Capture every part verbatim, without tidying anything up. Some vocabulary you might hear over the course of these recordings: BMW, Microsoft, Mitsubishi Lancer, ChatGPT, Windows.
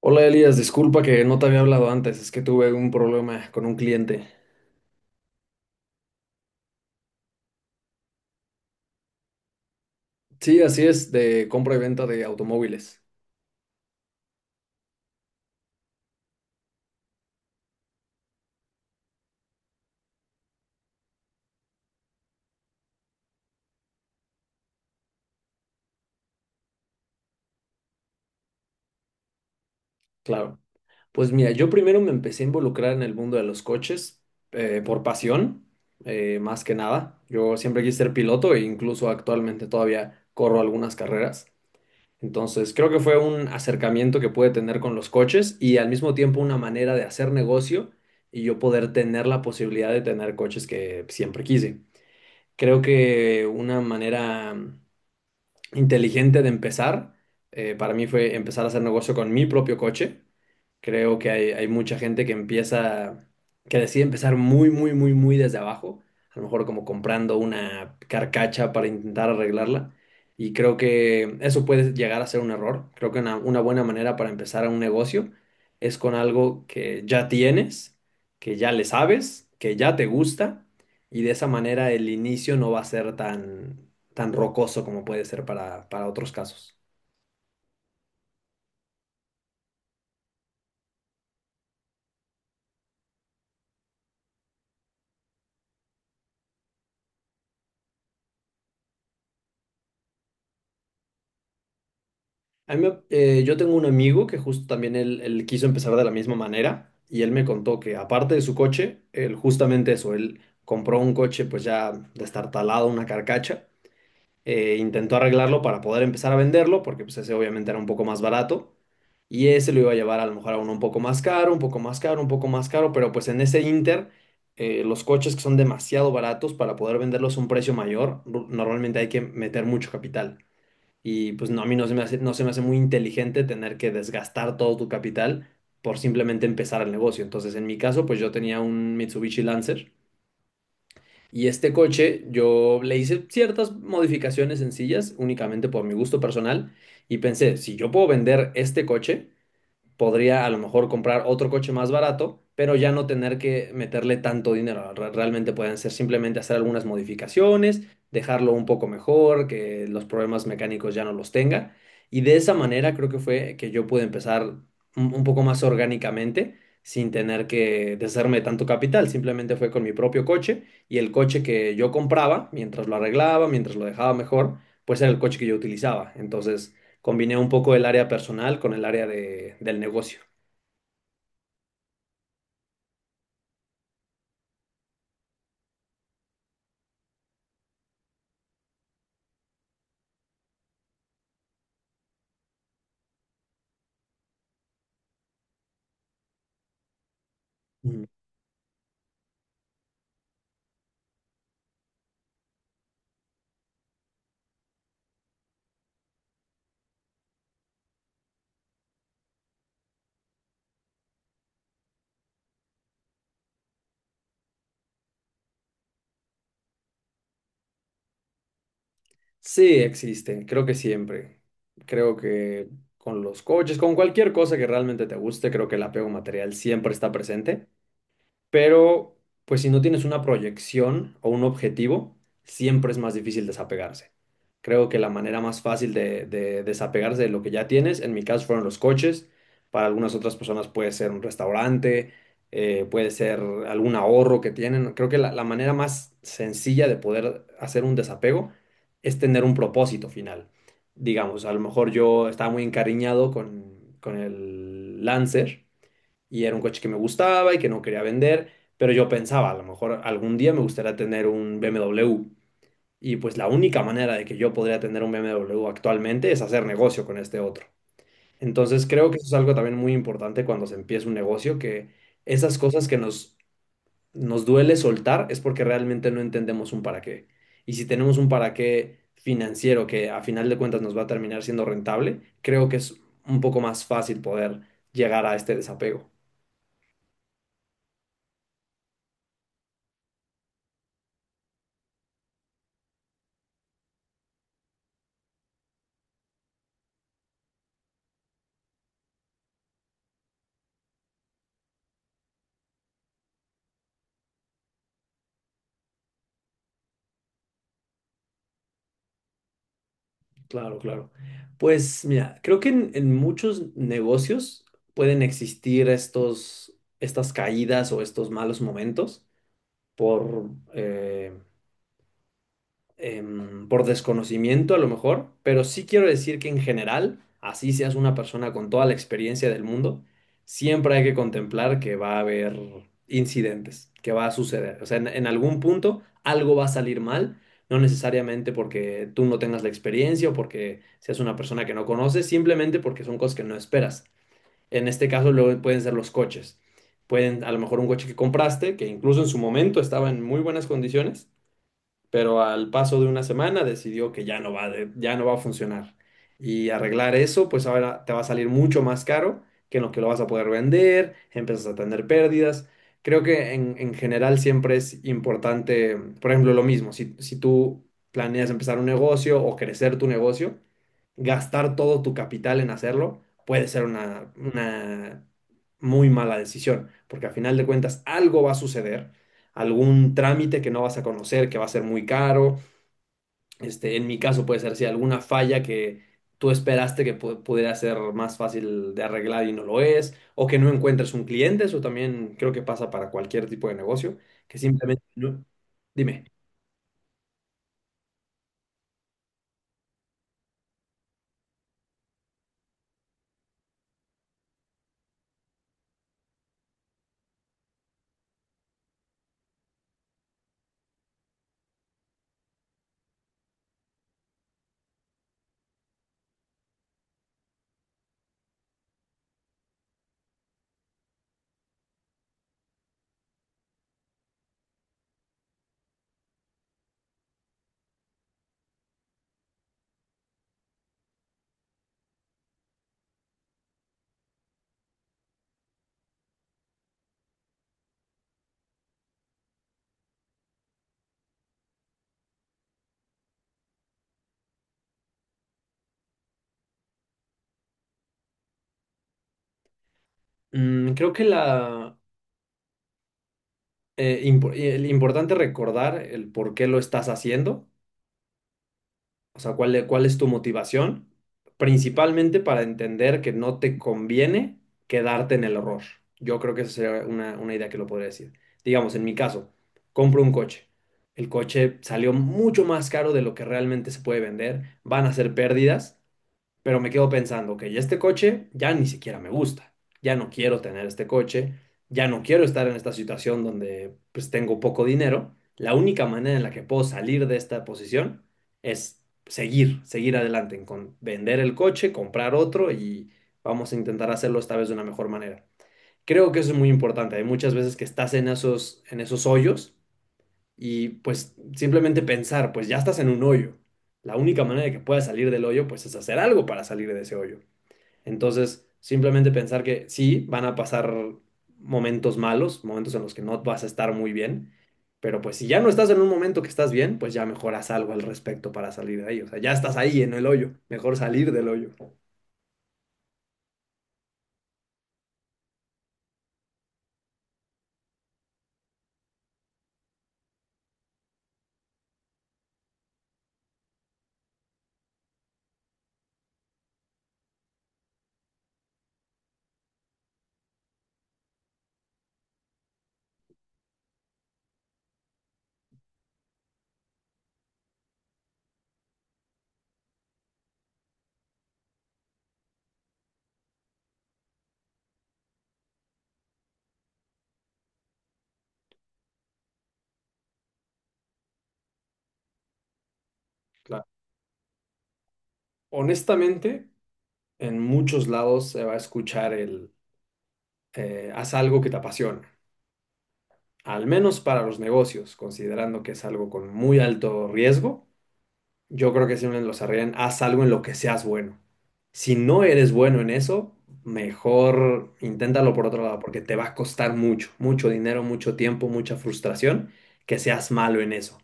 Hola Elías, disculpa que no te había hablado antes, es que tuve un problema con un cliente. Sí, así es, de compra y venta de automóviles, claro. Pues mira, yo primero me empecé a involucrar en el mundo de los coches eh, por pasión, eh, más que nada. Yo siempre quise ser piloto e incluso actualmente todavía corro algunas carreras. Entonces creo que fue un acercamiento que pude tener con los coches y al mismo tiempo una manera de hacer negocio y yo poder tener la posibilidad de tener coches que siempre quise. Creo que una manera inteligente de empezar. Eh, para mí fue empezar a hacer negocio con mi propio coche. Creo que hay, hay mucha gente que empieza, que decide empezar muy, muy, muy, muy desde abajo. A lo mejor como comprando una carcacha para intentar arreglarla. Y creo que eso puede llegar a ser un error. Creo que una, una buena manera para empezar un negocio es con algo que ya tienes, que ya le sabes, que ya te gusta. Y de esa manera el inicio no va a ser tan, tan rocoso como puede ser para, para otros casos. A mí me- eh, yo tengo un amigo que justo también él, él quiso empezar de la misma manera y él me contó que aparte de su coche, él justamente eso, él compró un coche pues ya destartalado, una carcacha, eh, intentó arreglarlo para poder empezar a venderlo, porque pues ese obviamente era un poco más barato, y ese lo iba a llevar a lo mejor a uno un poco más caro, un poco más caro, un poco más caro, pero pues en ese inter, eh, los coches que son demasiado baratos para poder venderlos a un precio mayor, ru- normalmente hay que meter mucho capital. Y pues no, a mí no se me hace, no se me hace muy inteligente tener que desgastar todo tu capital por simplemente empezar el negocio. Entonces, en mi caso, pues yo tenía un Mitsubishi Lancer y este coche yo le hice ciertas modificaciones sencillas, únicamente por mi gusto personal, y pensé, si yo puedo vender este coche, podría a lo mejor comprar otro coche más barato, pero ya no tener que meterle tanto dinero. Re- Realmente pueden ser simplemente hacer algunas modificaciones, dejarlo un poco mejor, que los problemas mecánicos ya no los tenga. Y de esa manera creo que fue que yo pude empezar un, un poco más orgánicamente, sin tener que deshacerme de tanto capital. Simplemente fue con mi propio coche y el coche que yo compraba, mientras lo arreglaba, mientras lo dejaba mejor, pues era el coche que yo utilizaba. Entonces, combiné un poco el área personal con el área de- del negocio. Ujú. Sí, existen, creo que siempre. Creo que con los coaches, con cualquier cosa que realmente te guste, creo que el apego material siempre está presente, pero pues si no tienes una proyección o un objetivo, siempre es más difícil desapegarse. Creo que la manera más fácil de, de desapegarse de lo que ya tienes, en mi caso fueron los coches, para algunas otras personas puede ser un restaurante, eh, puede ser algún ahorro que tienen. Creo que la, la manera más sencilla de poder hacer un desapego es tener un propósito final. Digamos, a lo mejor yo estaba muy encariñado con, con el Lancer y era un coche que me gustaba y que no quería vender, pero yo pensaba, a lo mejor algún día me gustaría tener un B M W. Y pues la única manera de que yo podría tener un B M W actualmente es hacer negocio con este otro. Entonces creo que eso es algo también muy importante cuando se empieza un negocio, que esas cosas que nos, nos duele soltar es porque realmente no entendemos un para qué. Y si tenemos un para qué financiero que a final de cuentas nos va a terminar siendo rentable, creo que es un poco más fácil poder llegar a este desapego. Claro, claro. Pues mira, creo que en, en muchos negocios pueden existir estos, estas caídas o estos malos momentos por, eh, em, por desconocimiento a lo mejor, pero sí quiero decir que en general, así seas una persona con toda la experiencia del mundo, siempre hay que contemplar que va a haber incidentes, que va a suceder. O sea, en, en algún punto algo va a salir mal, no necesariamente porque tú no tengas la experiencia o porque seas una persona que no conoces, simplemente porque son cosas que no esperas. En este caso, luego pueden ser los coches. Pueden, a lo mejor un coche que compraste, que incluso en su momento estaba en muy buenas condiciones pero al paso de una semana decidió que ya no va, de- ya no va a funcionar. Y arreglar eso, pues ahora te va a salir mucho más caro que en lo que lo vas a poder vender, empiezas a tener pérdidas. Creo que en, en general siempre es importante, por ejemplo, lo mismo, si, si tú planeas empezar un negocio o crecer tu negocio, gastar todo tu capital en hacerlo puede ser una, una muy mala decisión, porque al final de cuentas algo va a suceder algún trámite que no vas a conocer, que va a ser muy caro. Este, en mi caso puede ser si alguna falla que tú esperaste que pu- pudiera ser más fácil de arreglar y no lo es, o que no encuentres un cliente, eso también creo que pasa para cualquier tipo de negocio, que simplemente no. Dime. Mm, creo que la, eh, impo- el importante recordar el por qué lo estás haciendo. O sea, ¿cuál, cuál es tu motivación? Principalmente para entender que no te conviene quedarte en el error. Yo creo que esa sería una, una idea que lo podría decir. Digamos, en mi caso, compro un coche. El coche salió mucho más caro de lo que realmente se puede vender. Van a ser pérdidas. Pero me quedo pensando, ok, este coche ya ni siquiera me gusta, ya no quiero tener este coche, ya no quiero estar en esta situación donde pues tengo poco dinero. La única manera en la que puedo salir de esta posición es seguir, seguir adelante, con vender el coche, comprar otro y vamos a intentar hacerlo esta vez de una mejor manera. Creo que eso es muy importante. Hay muchas veces que estás en esos, en esos hoyos y pues simplemente pensar, pues ya estás en un hoyo. La única manera de que puedas salir del hoyo, pues es hacer algo para salir de ese hoyo. Entonces, simplemente pensar que sí, van a pasar momentos malos, momentos en los que no vas a estar muy bien, pero pues si ya no estás en un momento que estás bien, pues ya mejor haz algo al respecto para salir de ahí. O sea, ya estás ahí en el hoyo, mejor salir del hoyo. Claro. Honestamente, en muchos lados se va a escuchar el eh, haz algo que te apasiona. Al menos para los negocios, considerando que es algo con muy alto riesgo, yo creo que siempre los arriesgan, haz algo en lo que seas bueno. Si no eres bueno en eso, mejor inténtalo por otro lado, porque te va a costar mucho, mucho dinero, mucho tiempo, mucha frustración que seas malo en eso.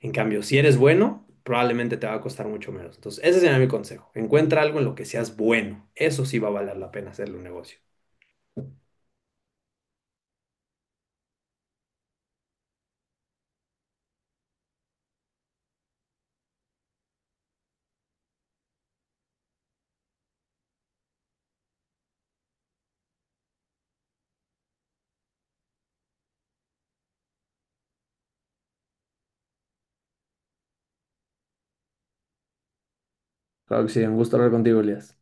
En cambio, si eres bueno, probablemente te va a costar mucho menos. Entonces, ese sería mi consejo. Encuentra algo en lo que seas bueno. Eso sí va a valer la pena hacerle un negocio. Claro que sí, un gusto hablar contigo, Elías.